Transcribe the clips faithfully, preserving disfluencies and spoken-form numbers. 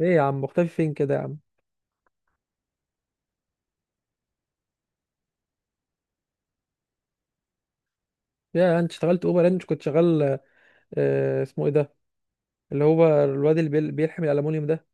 ايه يا عم، مختفي فين كده يا عم؟ يا انت اشتغلت اوبر؟ انت كنت شغال. آه اسمه ايه ده؟ اللي هو الواد اللي بيل- بيلحم الالومنيوم ده.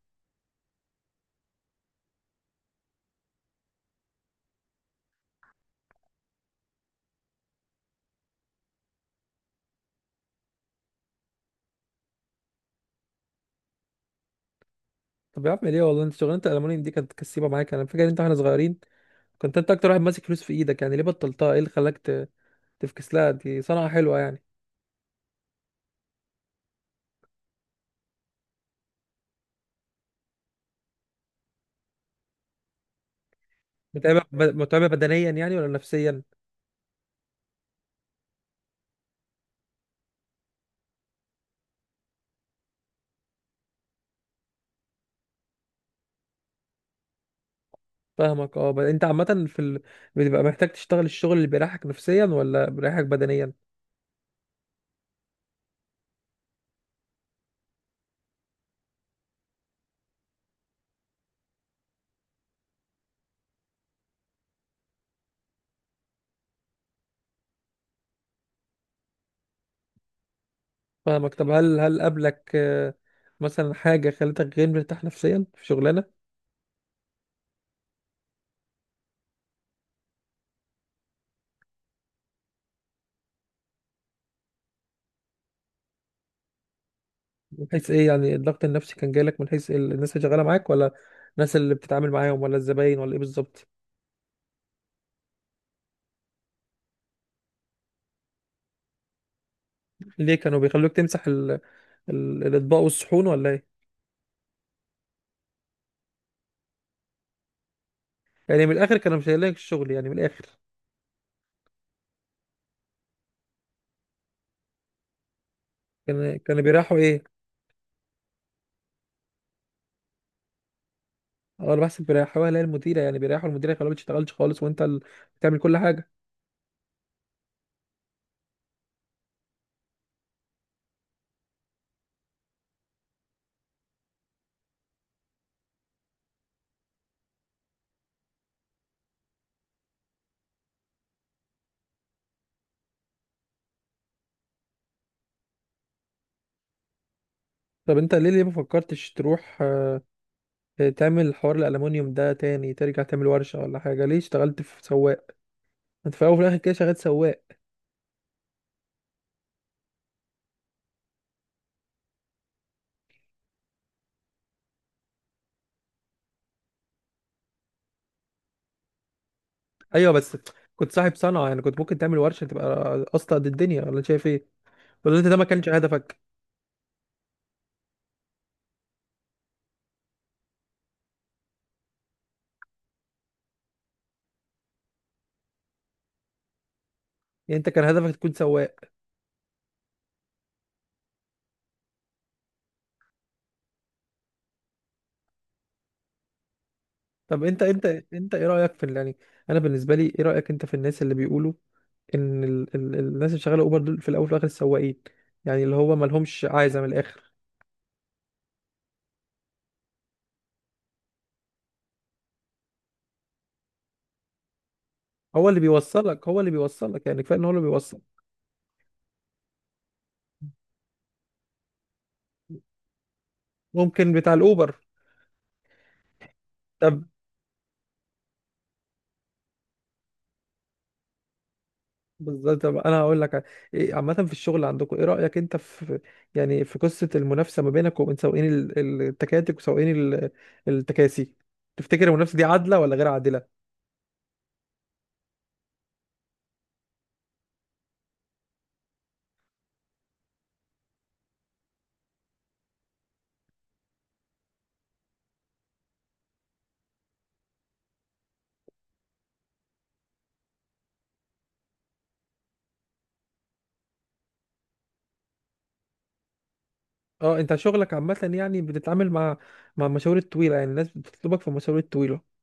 طب يا عم ليه، والله انت شغلانه الالومنيوم دي كانت كسيبه معاك، انا فاكر انت واحنا صغيرين كنت انت اكتر واحد ماسك فلوس في ايدك، يعني ليه بطلتها؟ ايه اللي خلاك ت- تفكس لها، دي صنعه حلوه يعني. متعبه ب- متعبه بدنيا يعني ولا نفسيا؟ فاهمك، اه ب- انت عامه في ال... بتبقى محتاج تشتغل الشغل اللي بيريحك نفسيا ولا بيريحك بدنيا؟ فاهمك. طب هل هل قابلك آه، مثلا حاجه خلتك غير مرتاح نفسيا في شغلانه؟ من حيث ايه؟ يعني الضغط النفسي كان جايلك من حيث ال- الناس اللي شغاله معاك، ولا الناس اللي بتتعامل معاهم، ولا الزباين، ولا ايه بالظبط؟ ليه كانوا بيخلوك تمسح ال... ال... الاطباق والصحون ولا ايه؟ يعني من الاخر كانوا مش لك الشغل يعني من الاخر؟ كان كانوا بيريحوا ايه؟ اه انا بحسب بيريحوها، اللي هي المديره يعني، بيريحوا المديره يخلوها ما بتشتغلش خالص وانت اللي بتعمل كل حاجه. طب انت ليه، ليه ما فكرتش تروح آه، تعمل حوار الالومنيوم ده تاني، ترجع تعمل ورشه ولا حاجه؟ ليه اشتغلت في سواق؟ انت في الاول وفي الاخر كده شغال سواق. ايوه بس كنت صاحب صنعه، يعني كنت ممكن تعمل ورشه تبقى اصلا قد الدنيا، ولا أنت شايف ايه؟ ولا انت ده ما كانش هدفك؟ يعني انت كان هدفك تكون سواق؟ طب انت انت انت ايه رايك في ال- يعني انا بالنسبه لي، ايه رايك انت في الناس اللي بيقولوا ان ال... ال... الناس اللي شغاله اوبر دول في الاول وفي الاخر سواقين؟ يعني اللي هو ما لهمش عايزه من الاخر. هو اللي بيوصلك، هو اللي بيوصلك يعني كفايه ان هو اللي بيوصل. ممكن بتاع الاوبر. طب بالظبط. طب انا هقول لك ع- إيه، عامه في الشغل عندكم ايه رايك انت في يعني، في قصه المنافسه ما بينك وبين سواقين ال- ال- التكاتك وسواقين ال- التكاسي، تفتكر المنافسه دي عادله ولا غير عادله؟ اه انت شغلك عامه يعني بتتعامل مع، مع المشاوير الطويله، يعني الناس بتطلبك في المشاوير الطويله.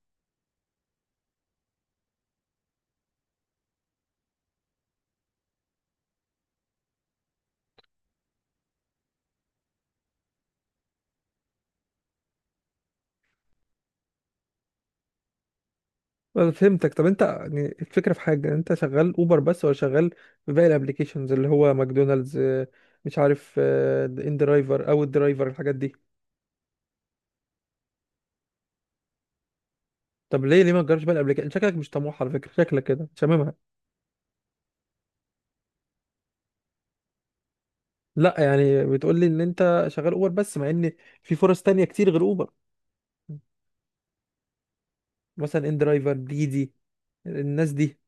أنا فهمتك. طب انت يعني الفكره في حاجه، انت شغال اوبر بس ولا شغال في باقي الابليكيشنز، اللي هو ماكدونالدز آه، مش عارف آه، ان درايفر او الدرايفر، الحاجات دي؟ طب ليه، ليه ما تجربش بقى الابليكيشن؟ شكلك مش طموح على فكره، شكلك كده شاممها. لا يعني بتقول لي ان انت شغال اوبر بس، مع ان في فرص تانية كتير غير اوبر. مثلا ان درايفر، ديدي، الناس دي.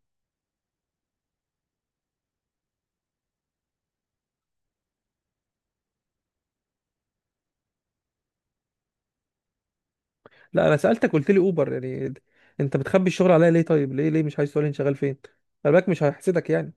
لا انا سالتك قلت لي اوبر يعني. انت بتخبي الشغل عليا ليه؟ طيب ليه، ليه مش عايز تقول لي انت شغال فين؟ خلي بالك مش هحسدك يعني.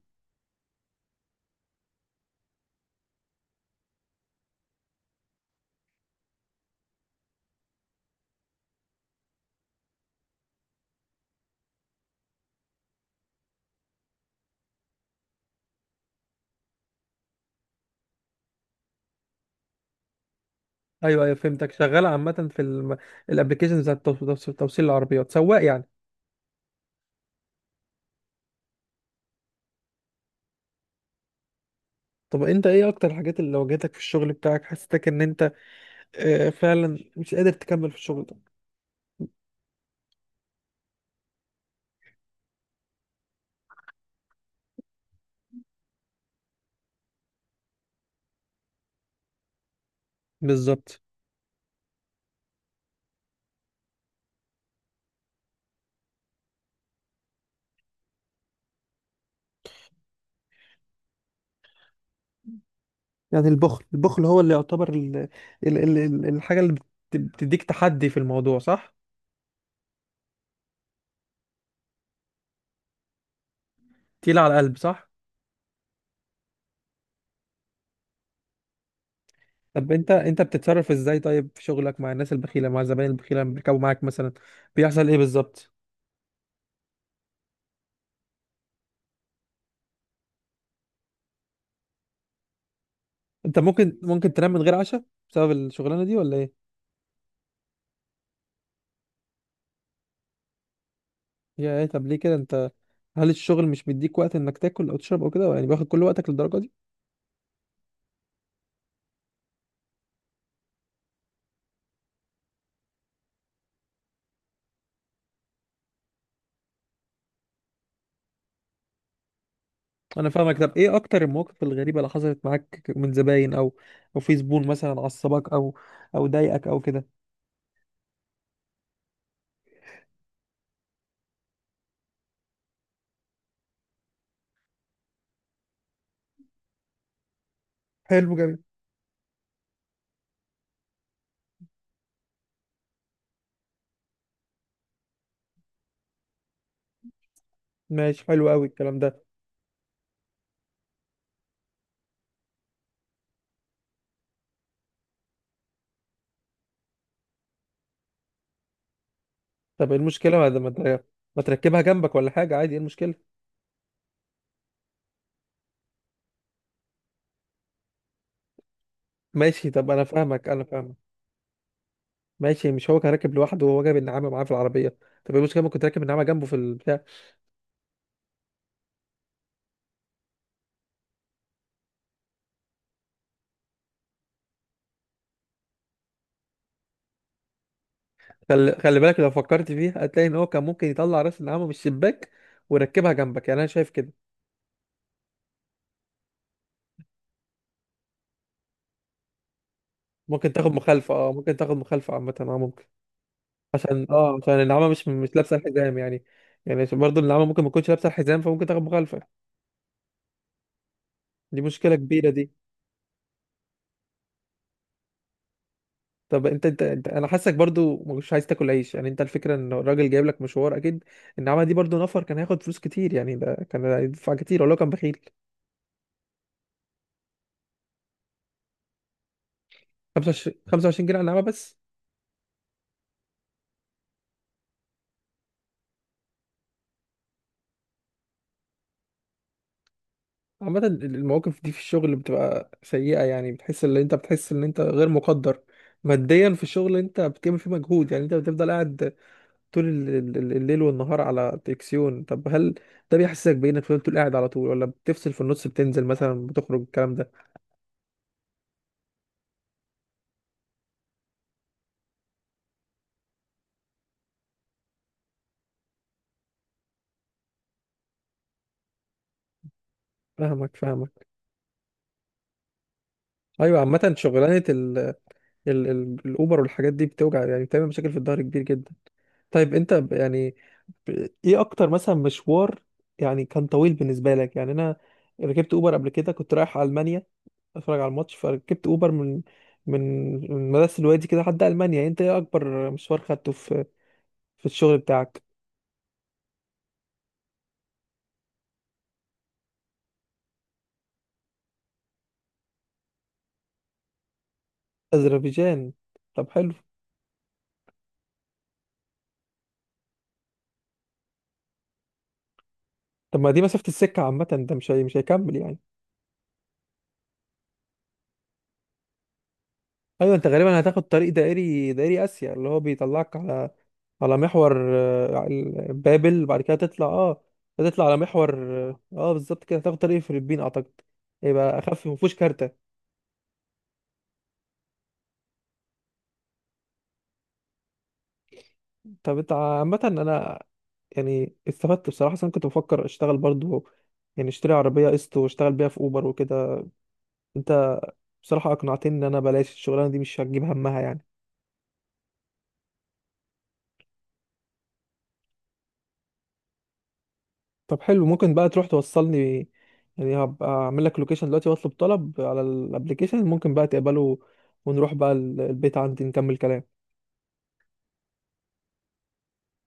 ايوه ايوه فهمتك، شغال عامه في الم... الابلكيشن بتاع التوص- توص- توصيل العربيات، سواق يعني. طب انت ايه اكتر الحاجات اللي واجهتك في الشغل بتاعك، حسيتك ان انت آه، فعلا مش قادر تكمل في الشغل ده؟ بالظبط. يعني البخل، البخل هو اللي يعتبر ال... ال... ال... ال- الحاجة اللي بت- بتديك تحدي في الموضوع صح؟ تقيلة على القلب صح؟ طب انت انت بتتصرف ازاي طيب في شغلك مع الناس البخيلة، مع الزباين البخيلة اللي بيركبوا معاك مثلا؟ بيحصل ايه بالظبط؟ انت ممكن ممكن تنام من غير عشاء بسبب الشغلانة دي ولا ايه؟ يا ايه؟ طب ليه كده انت؟ هل الشغل مش بيديك وقت انك تاكل او تشرب او كده، يعني بياخد كل وقتك للدرجة دي؟ انا فاهمك. طب ايه اكتر المواقف الغريبة اللي حصلت معاك من زباين، او او في زبون مثلا عصبك، او او ضايقك او كده؟ حلو جميل. ماشي حلو قوي الكلام ده. طب ايه المشكله ما ما تر- ما تركبها جنبك ولا حاجه عادي، ايه المشكله؟ ماشي طب انا فاهمك، انا فاهمك ماشي. مش هو كان راكب لوحده، وهو جايب النعامه معاه في العربيه. طب ايه المشكله؟ ممكن تركب النعامه جنبه في البتاع. خلي, خلي بالك، لو فكرت فيها هتلاقي ان هو كان ممكن يطلع راس النعامه من الشباك ويركبها جنبك، يعني انا شايف كده. ممكن تاخد مخالفه، اه ممكن تاخد مخالفه عامه، اه ممكن، عشان اه عشان النعامه مش مش لابسه الحزام يعني. يعني برضه النعامه ممكن ما تكونش لابسه الحزام فممكن تاخد مخالفه، دي مشكله كبيره دي. طب انت انت, انت انا حاسك برضو مش عايز تاكل عيش يعني، انت الفكره ان الراجل جايب لك مشوار اكيد، النعمه دي برضو نفر، كان هياخد فلوس كتير يعني، ده كان هيدفع كتير ولو كان بخيل. خمسة وعشرين خمسة وعشرين جنيه على النعمه بس؟ عامه المواقف دي في الشغل بتبقى سيئه، يعني بتحس ان انت، بتحس ان انت غير مقدر ماديا في الشغل انت بتعمل فيه مجهود، يعني انت بتفضل قاعد طول ال- ال- ال- الليل والنهار على تلفزيون. طب هل ده بيحسسك بانك فضلت قاعد على طول، ولا بتفصل في النص بتنزل مثلا بتخرج الكلام ده؟ فاهمك فاهمك. ايوه عامة شغلانة ال ال ال الاوبر والحاجات دي بتوجع، يعني بتعمل مشاكل في الظهر كبير جدا. طيب انت ب- يعني ب- ايه اكتر مثلا مشوار يعني كان طويل بالنسبة لك؟ يعني انا ركبت اوبر قبل كده كنت رايح المانيا اتفرج على الماتش، فركبت اوبر من من من مدرسة الوادي كده لحد المانيا. انت ايه اكبر مشوار خدته في، في الشغل بتاعك؟ اذربيجان؟ طب حلو. طب ما دي مسافة السكة عامة، ده مش هي- مش هيكمل يعني. ايوه، انت غالبا هتاخد طريق دائري، دائري اسيا اللي هو بيطلعك على، على محور آه، ال- بابل، بعد كده تطلع اه تطلع على محور، اه آه، بالظبط كده تاخد طريق الفلبين اعتقد، يبقى اخف ومفهوش كارتة. طب انت عامة انا يعني استفدت بصراحة، أصل انا كنت بفكر اشتغل برضو يعني، اشتري عربية قسط واشتغل بيها في اوبر وكده، انت بصراحة اقنعتني ان انا بلاش الشغلانة دي مش هتجيب همها يعني. طب حلو، ممكن بقى تروح توصلني؟ يعني هبقى اعمل لك لوكيشن دلوقتي واطلب طلب على الابليكيشن، ممكن بقى تقبله ونروح بقى ال- البيت عندي نكمل كلام.